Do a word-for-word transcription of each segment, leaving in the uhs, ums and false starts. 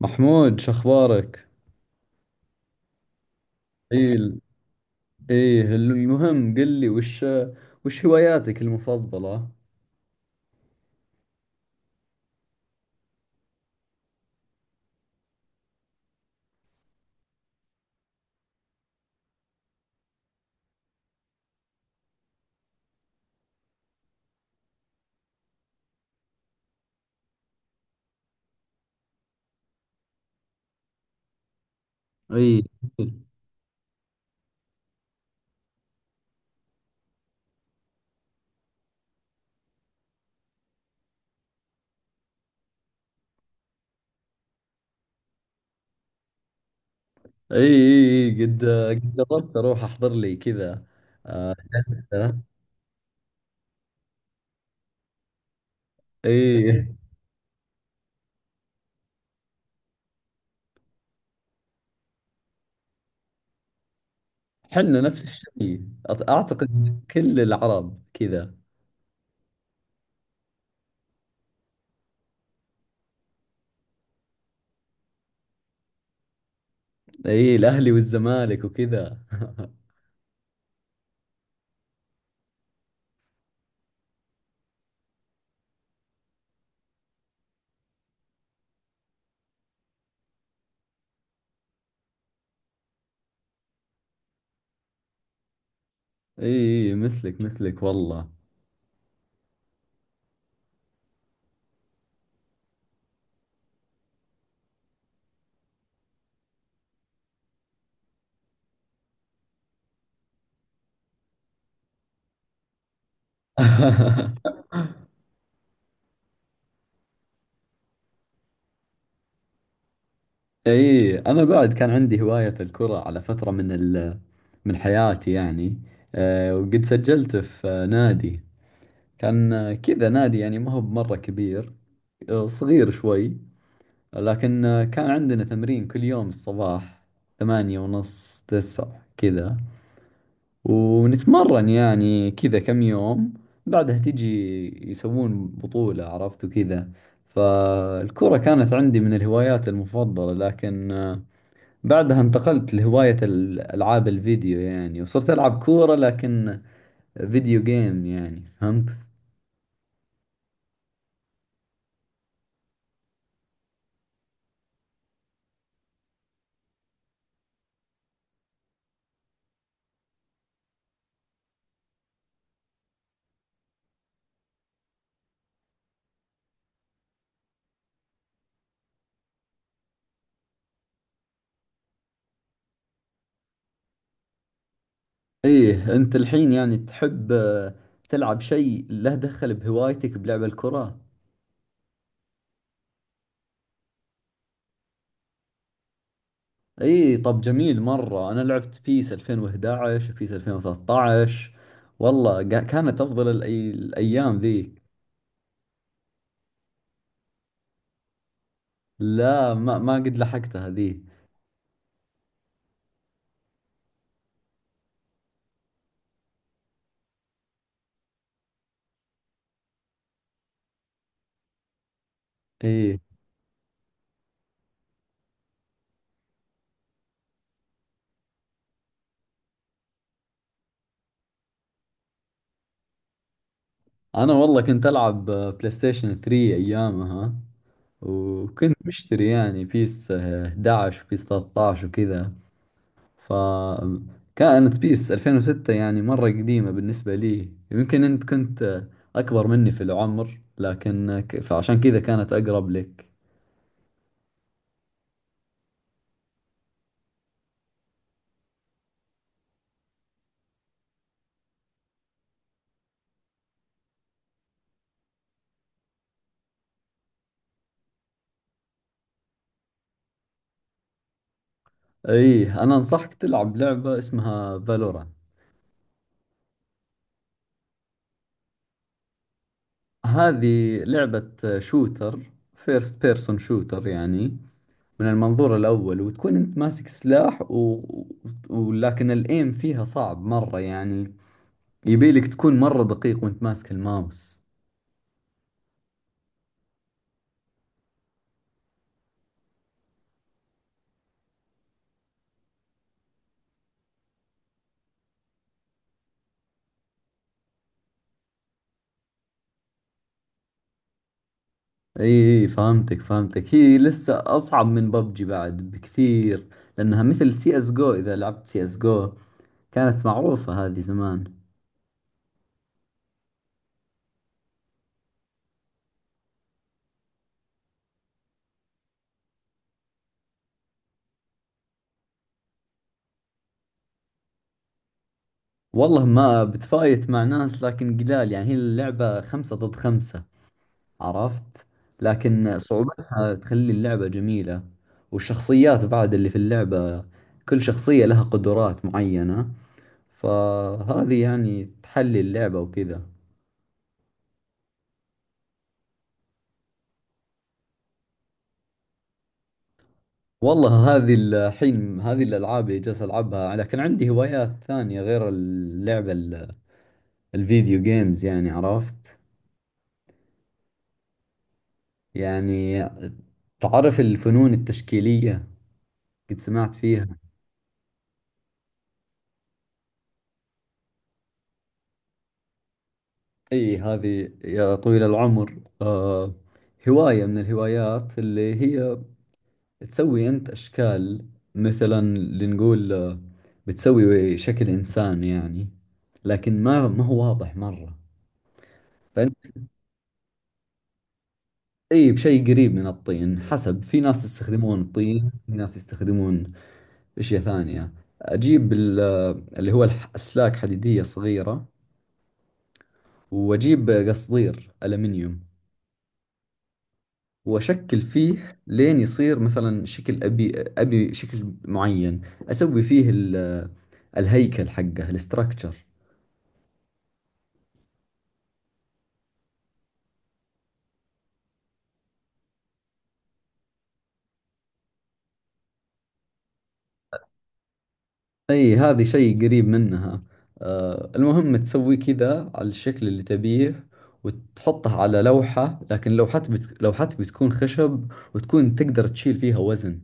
محمود شو اخبارك؟ ايه ايه المهم قل لي وش وش هواياتك المفضلة؟ ايه ايه ايه قد قد جربت اروح احضر لي كذا. ايه، حنا نفس الشيء، أط- اعتقد كل العرب كذا. ايه، الاهلي والزمالك وكذا. ايه ايه إيه، مثلك مثلك والله. اي انا بعد كان عندي هواية الكرة على فترة من ال من حياتي يعني. أه وقد سجلت في آه، نادي، كان آه، كذا نادي يعني ما هو بمرة كبير، آه، صغير شوي. لكن آه، كان عندنا تمرين كل يوم الصباح، ثمانية ونص تسعة كذا، ونتمرن يعني كذا كم يوم. بعدها تجي يسوون بطولة، عرفت وكذا. فالكرة كانت عندي من الهوايات المفضلة، لكن آه، بعدها انتقلت لهواية الألعاب الفيديو يعني، وصرت ألعب كورة لكن فيديو جيم يعني، فهمت؟ إيه، أنت الحين يعني تحب آه، تلعب شيء له دخل بهوايتك بلعب الكرة؟ إيه، طب جميل مرة. أنا لعبت بيس ألفين وحداشر وبيس ألفين وتلتاشر والله، قا- كانت أفضل الأي- الأيام ذيك. لا، ما, ما قد لحقتها ذي. إيه، أنا والله كنت ألعب آه، بلاي ستيشن تلاتة أيامها، وكنت مشتري يعني بيس حداشر وبيس تلتاشر وكذا. فكانت بيس ألفين وستة يعني مرة قديمة بالنسبة لي. يمكن أنت كنت آه، أكبر مني في العمر، لكن آه، ك- فعشان كذا كانت أقرب لك. إيه، أنا أنصحك تلعب لعبة اسمها فالورا. هذه لعبة شوتر، فيرست بيرسون شوتر يعني، من المنظور الأول، وتكون أنت ماسك سلاح و... و- ولكن الإيم فيها صعب مرة يعني، يبيلك تكون مرة دقيق وانت ماسك الماوس. اي اي فهمتك فهمتك هي لسه اصعب من ببجي بعد بكثير، لانها مثل سي اس جو. اذا لعبت سي اس جو، كانت معروفة هذه زمان. والله ما بتفايت مع ناس لكن قلال يعني، هي اللعبة خمسة ضد خمسة، عرفت، لكن صعوبتها تخلي اللعبة جميلة. والشخصيات بعد اللي في اللعبة، كل شخصية لها قدرات معينة، فهذه يعني تحلي اللعبة وكذا. والله هذه الحين هذه الألعاب اللي جالس ألعبها، لكن عندي هوايات ثانية غير اللعبة ال- الفيديو جيمز يعني، عرفت، يعني تعرف الفنون التشكيلية، قد سمعت فيها؟ أي، هذه يا طويل العمر آه هواية من الهوايات اللي هي تسوي أنت أشكال. مثلا لنقول آه، بتسوي شكل إنسان يعني، لكن ما ما هو واضح مرة. اي بشيء قريب من الطين، حسب، في ناس يستخدمون الطين، في ناس يستخدمون اشياء ثانية. اجيب ال- اللي هو الح- اسلاك حديدية صغيرة، واجيب قصدير الومنيوم، واشكل فيه لين يصير مثلا شكل ابي، ابي شكل معين. اسوي فيه ال- الهيكل حقه الاستراكشر. اي هذه شيء قريب منها. آه المهم تسوي كذا على الشكل اللي تبيه، وتحطه على لوحة، لكن لوحتك بت... لوحتك بتكون خشب، وتكون تقدر تشيل فيها وزن.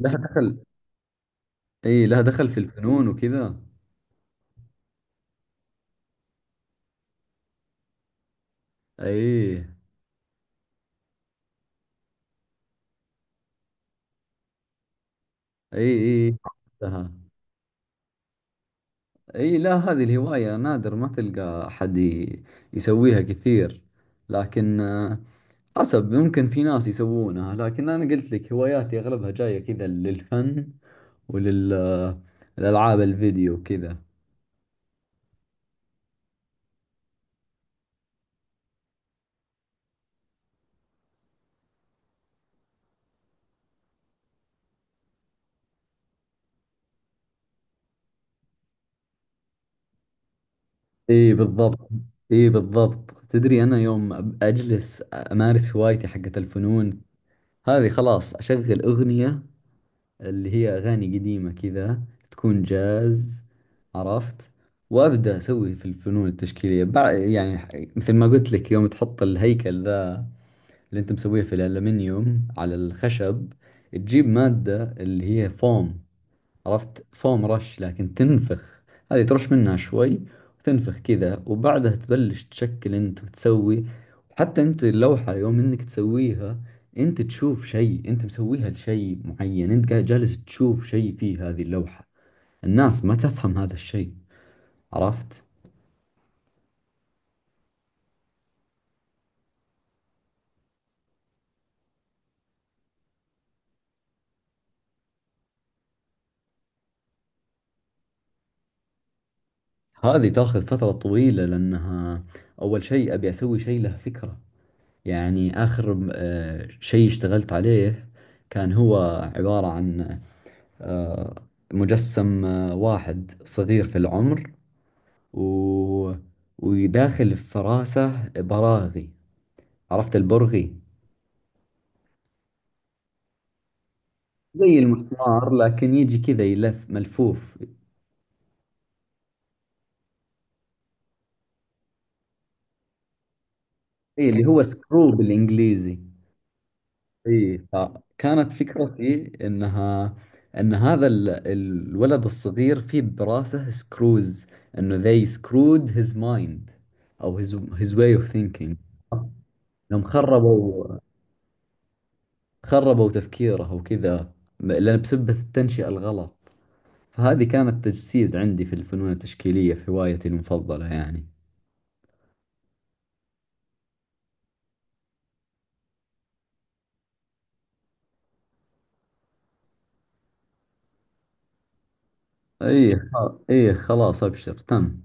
لها دخل، اي لها دخل في الفنون وكذا. اي اي اي لها. اي لا، هذه الهواية نادر ما تلقى أحد ي- يسويها كثير، لكن آه، حسب، ممكن في ناس يسوونها، لكن أنا قلت لك هواياتي أغلبها جاية كذا للفن وللألعاب الفيديو كذا. اي بالضبط. اي بالضبط، تدري انا يوم أب- اجلس امارس هوايتي حقت الفنون، هذه خلاص اشغل اغنية اللي هي اغاني قديمة كذا، تكون جاز، عرفت، وابدا اسوي في الفنون التشكيلية، بع- يعني ح- مثل ما قلت لك، يوم تحط الهيكل ذا اللي انت مسويه في الالمنيوم على الخشب، تجيب مادة اللي هي فوم، عرفت، فوم رش لكن تنفخ، هذه ترش منها شوي وتنفخ كذا، وبعدها تبلش تشكل انت وتسوي. وحتى انت اللوحة يوم انك تسويها، انت تشوف شيء، انت مسويها لشيء معين، انت قاعد جالس تشوف شيء في هذه اللوحة، الناس ما تفهم هذا الشيء، عرفت. هذه تاخذ فترة طويلة، لانها اول شيء ابي اسوي شيء له فكرة. يعني اخر آه، شيء اشتغلت عليه كان هو عبارة عن آه، مجسم آه، واحد صغير في العمر، و... وداخل في فراسه براغي، عرفت البرغي؟ زي المسمار لكن يجي كذا يلف ملفوف. اي اللي هو سكرو بالانجليزي. اي فكانت فكرتي انها ان هذا ال... الولد الصغير فيه براسه سكروز، انه they screwed his mind او his his way of thinking. يوم خربوا خربوا تفكيره وكذا، م- لأن بسبة التنشئة الغلط. فهذه كانت تجسيد عندي في الفنون التشكيلية، في هوايتي المفضلة يعني. أي خ- أي خلاص أبشر تم.